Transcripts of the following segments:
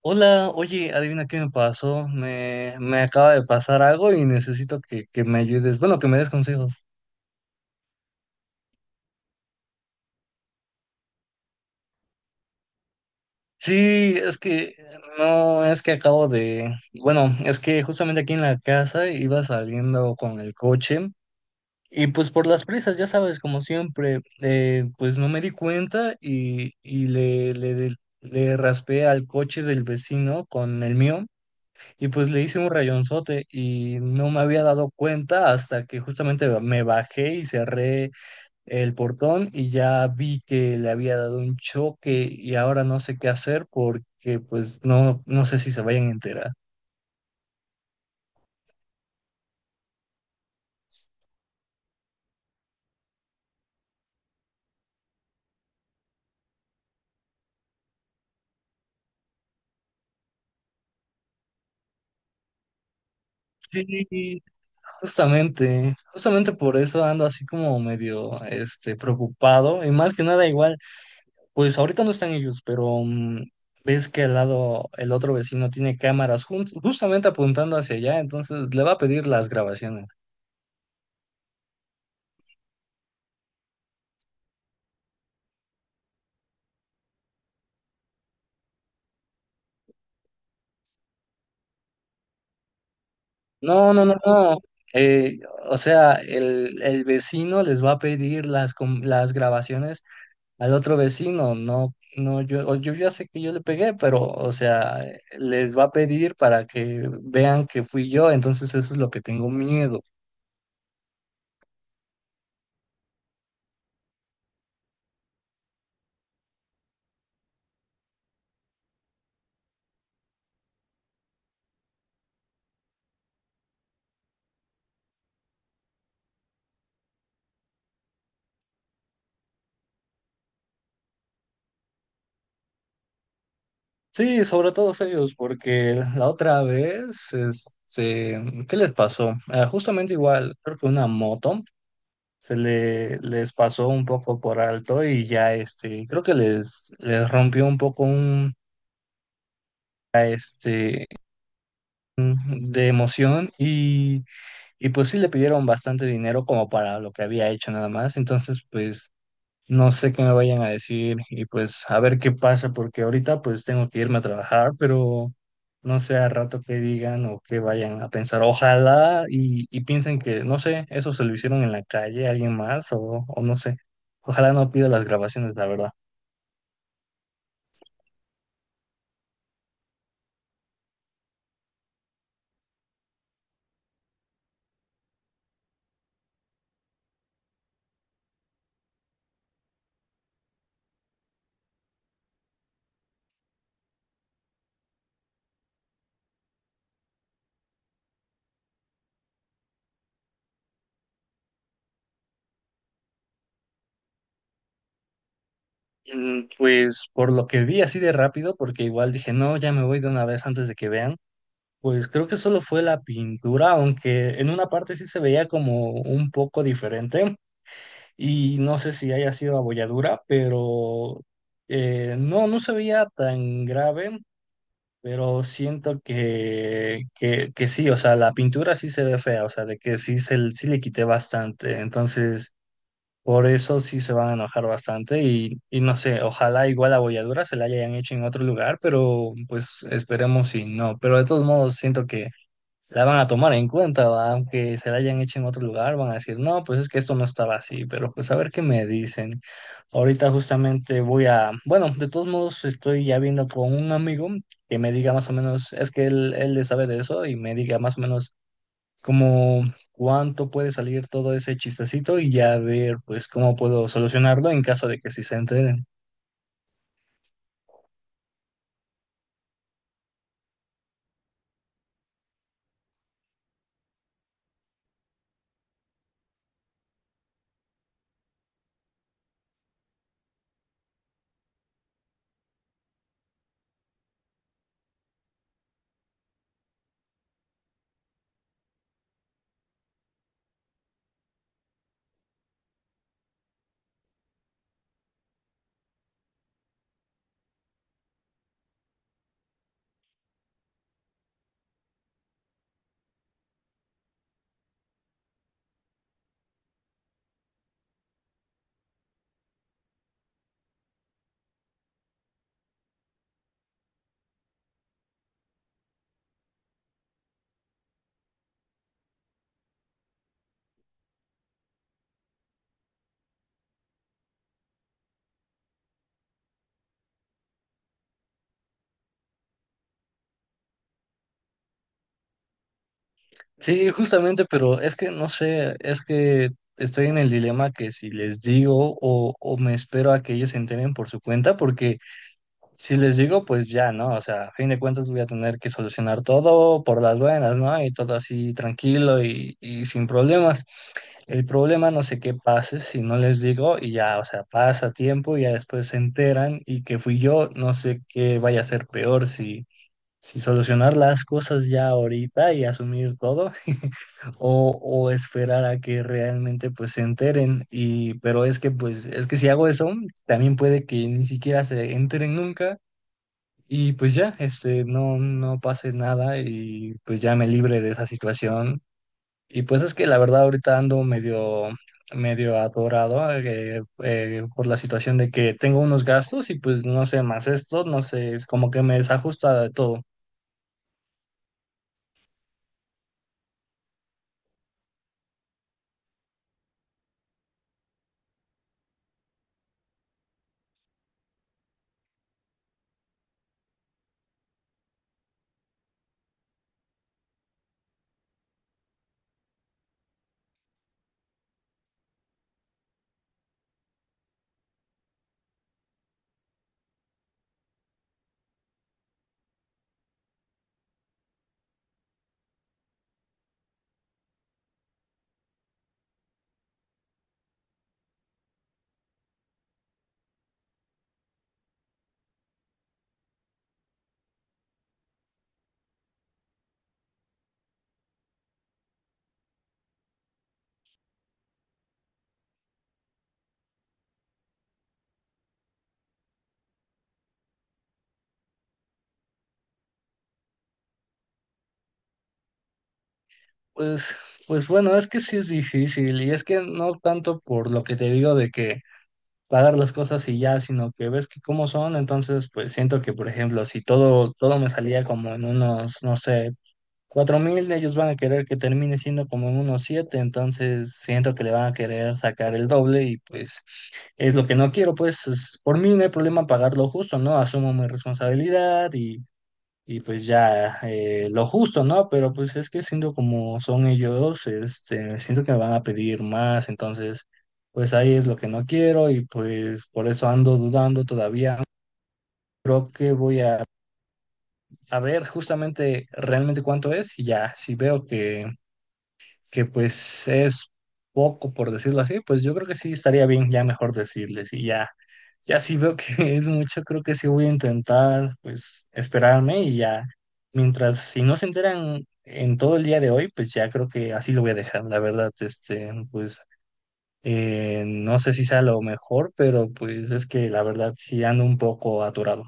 Hola, oye, adivina qué me pasó. Me acaba de pasar algo y necesito que me ayudes. Bueno, que me des consejos. Sí, es que no, es que acabo de. Bueno, es que justamente aquí en la casa iba saliendo con el coche y pues por las prisas, ya sabes, como siempre, pues no me di cuenta y le raspé al coche del vecino con el mío. Y pues le hice un rayonzote y no me había dado cuenta hasta que justamente me bajé y cerré el portón y ya vi que le había dado un choque y ahora no sé qué hacer porque pues no, no sé si se vayan a enterar. Sí, justamente por eso ando así como medio preocupado y más que nada igual. Pues ahorita no están ellos, pero ves que al lado el otro vecino tiene cámaras justamente apuntando hacia allá, entonces le va a pedir las grabaciones. No, no, no, no. eh, o sea, el vecino les va a pedir las grabaciones al otro vecino. No, no, yo, o yo ya sé que yo le pegué, pero, o sea, les va a pedir para que vean que fui yo, entonces eso es lo que tengo miedo. Sí, sobre todo ellos, porque la otra vez, ¿qué les pasó? Justamente igual, creo que una moto les pasó un poco por alto y ya, creo que les rompió un poco este, de emoción y pues sí le pidieron bastante dinero como para lo que había hecho nada más, entonces pues no sé qué me vayan a decir y pues a ver qué pasa, porque ahorita pues tengo que irme a trabajar, pero no sé a rato qué digan o qué vayan a pensar. Ojalá y piensen que, no sé, eso se lo hicieron en la calle, alguien más o no sé. Ojalá no pida las grabaciones, la verdad. Pues por lo que vi así de rápido, porque igual dije, no, ya me voy de una vez antes de que vean, pues creo que solo fue la pintura, aunque en una parte sí se veía como un poco diferente. Y no sé si haya sido abolladura, pero no, no se veía tan grave, pero siento que sí, o sea, la pintura sí se ve fea, o sea, de que sí, se, sí le quité bastante, entonces por eso sí se van a enojar bastante y no sé, ojalá igual la abolladura se la hayan hecho en otro lugar, pero pues esperemos si no, pero de todos modos siento que la van a tomar en cuenta, ¿va? Aunque se la hayan hecho en otro lugar, van a decir, no, pues es que esto no estaba así, pero pues a ver qué me dicen. Ahorita justamente voy a, bueno, de todos modos estoy ya viendo con un amigo que me diga más o menos, es que él le sabe de eso y me diga más o menos como cuánto puede salir todo ese chistecito y ya ver pues cómo puedo solucionarlo en caso de que sí se entere. Sí, justamente, pero es que no sé, es que estoy en el dilema que si les digo o me espero a que ellos se enteren por su cuenta, porque si les digo, pues ya, ¿no? O sea, a fin de cuentas voy a tener que solucionar todo por las buenas, ¿no? Y todo así tranquilo y sin problemas. El problema no sé qué pase si no les digo y ya, o sea, pasa tiempo y ya después se enteran y que fui yo, no sé qué vaya a ser peor si si solucionar las cosas ya ahorita y asumir todo o esperar a que realmente pues se enteren y pero es que pues es que si hago eso también puede que ni siquiera se enteren nunca y pues ya no pase nada y pues ya me libre de esa situación y pues es que la verdad ahorita ando medio atorado por la situación de que tengo unos gastos y pues no sé más esto no sé es como que me desajusta de todo. Pues, pues bueno, es que sí es difícil y es que no tanto por lo que te digo de que pagar las cosas y ya, sino que ves que cómo son, entonces pues siento que, por ejemplo, si todo me salía como en unos, no sé, 4,000, ellos van a querer que termine siendo como en unos siete, entonces siento que le van a querer sacar el doble y pues es lo que no quiero, pues es- por mí no hay problema pagarlo justo, ¿no? Asumo mi responsabilidad y pues ya lo justo, ¿no? Pero pues es que siendo como son ellos, siento que me van a pedir más, entonces pues ahí es lo que no quiero y pues por eso ando dudando todavía. Creo que voy a ver justamente realmente cuánto es y ya, si veo que pues es poco por decirlo así, pues yo creo que sí estaría bien ya mejor decirles y ya, ya sí veo que es mucho, creo que sí voy a intentar pues esperarme y ya, mientras si no se enteran en todo el día de hoy, pues ya creo que así lo voy a dejar, la verdad, pues no sé si sea lo mejor, pero pues es que la verdad sí ando un poco aturado.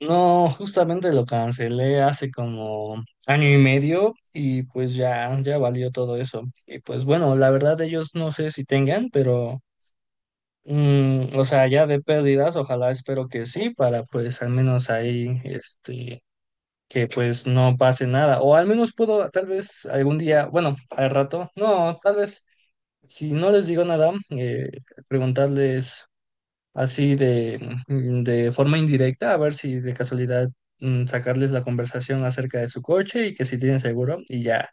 No, justamente lo cancelé hace como año y medio y pues ya, ya valió todo eso. Y pues bueno, la verdad ellos no sé si tengan, pero o sea, ya de pérdidas, ojalá espero que sí, para pues al menos ahí, que pues no pase nada. O al menos puedo tal vez algún día, bueno, al rato, no, tal vez si no les digo nada, preguntarles así de, de forma indirecta, a ver si de casualidad sacarles la conversación acerca de su coche y que si tienen seguro y ya,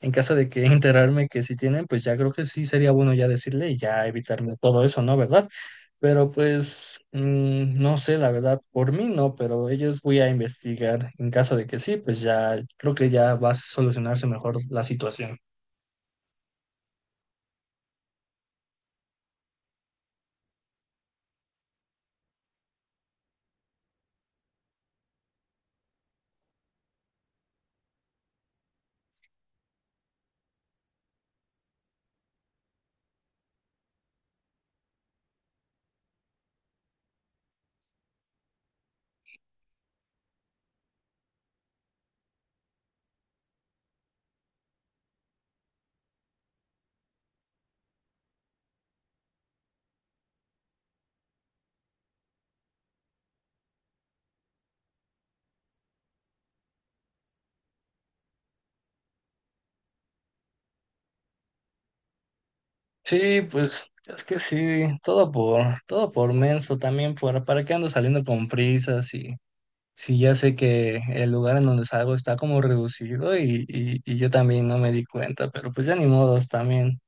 en caso de que enterarme que si tienen, pues ya creo que sí sería bueno ya decirle y ya evitarme todo eso, ¿no? ¿Verdad? Pero pues no sé, la verdad, por mí no, pero ellos voy a investigar. En caso de que sí, pues ya creo que ya va a solucionarse mejor la situación. Sí, pues es que sí, todo por menso también, por, ¿para qué ando saliendo con prisas? Y si ya sé que el lugar en donde salgo está como reducido y yo también no me di cuenta, pero pues ya ni modos también.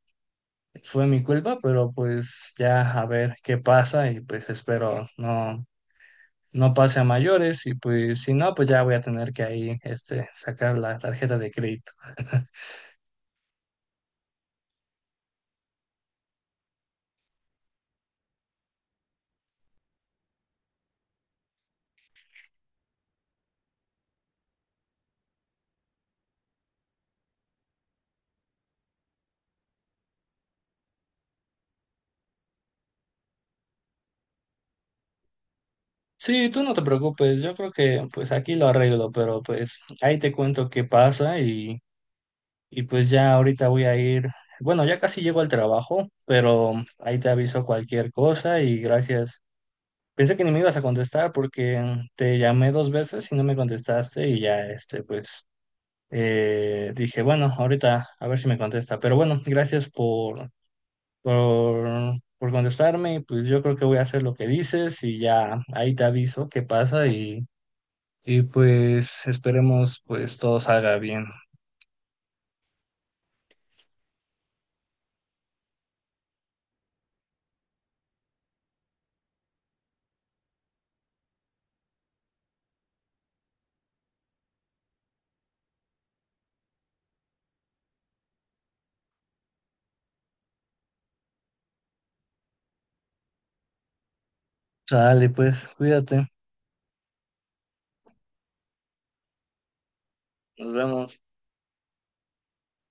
Fue mi culpa, pero pues ya a ver qué pasa y pues espero no, no pase a mayores y pues si no, pues ya voy a tener que ahí sacar la tarjeta de crédito. Sí, tú no te preocupes, yo creo que pues aquí lo arreglo, pero pues ahí te cuento qué pasa y pues ya ahorita voy a ir, bueno, ya casi llego al trabajo, pero ahí te aviso cualquier cosa y gracias. Pensé que ni me ibas a contestar porque te llamé dos veces y no me contestaste y ya pues dije, bueno, ahorita a ver si me contesta, pero bueno, gracias por contestarme y pues yo creo que voy a hacer lo que dices y ya ahí te aviso qué pasa y... Y pues esperemos pues todo salga bien. Sale pues, cuídate. Nos vemos.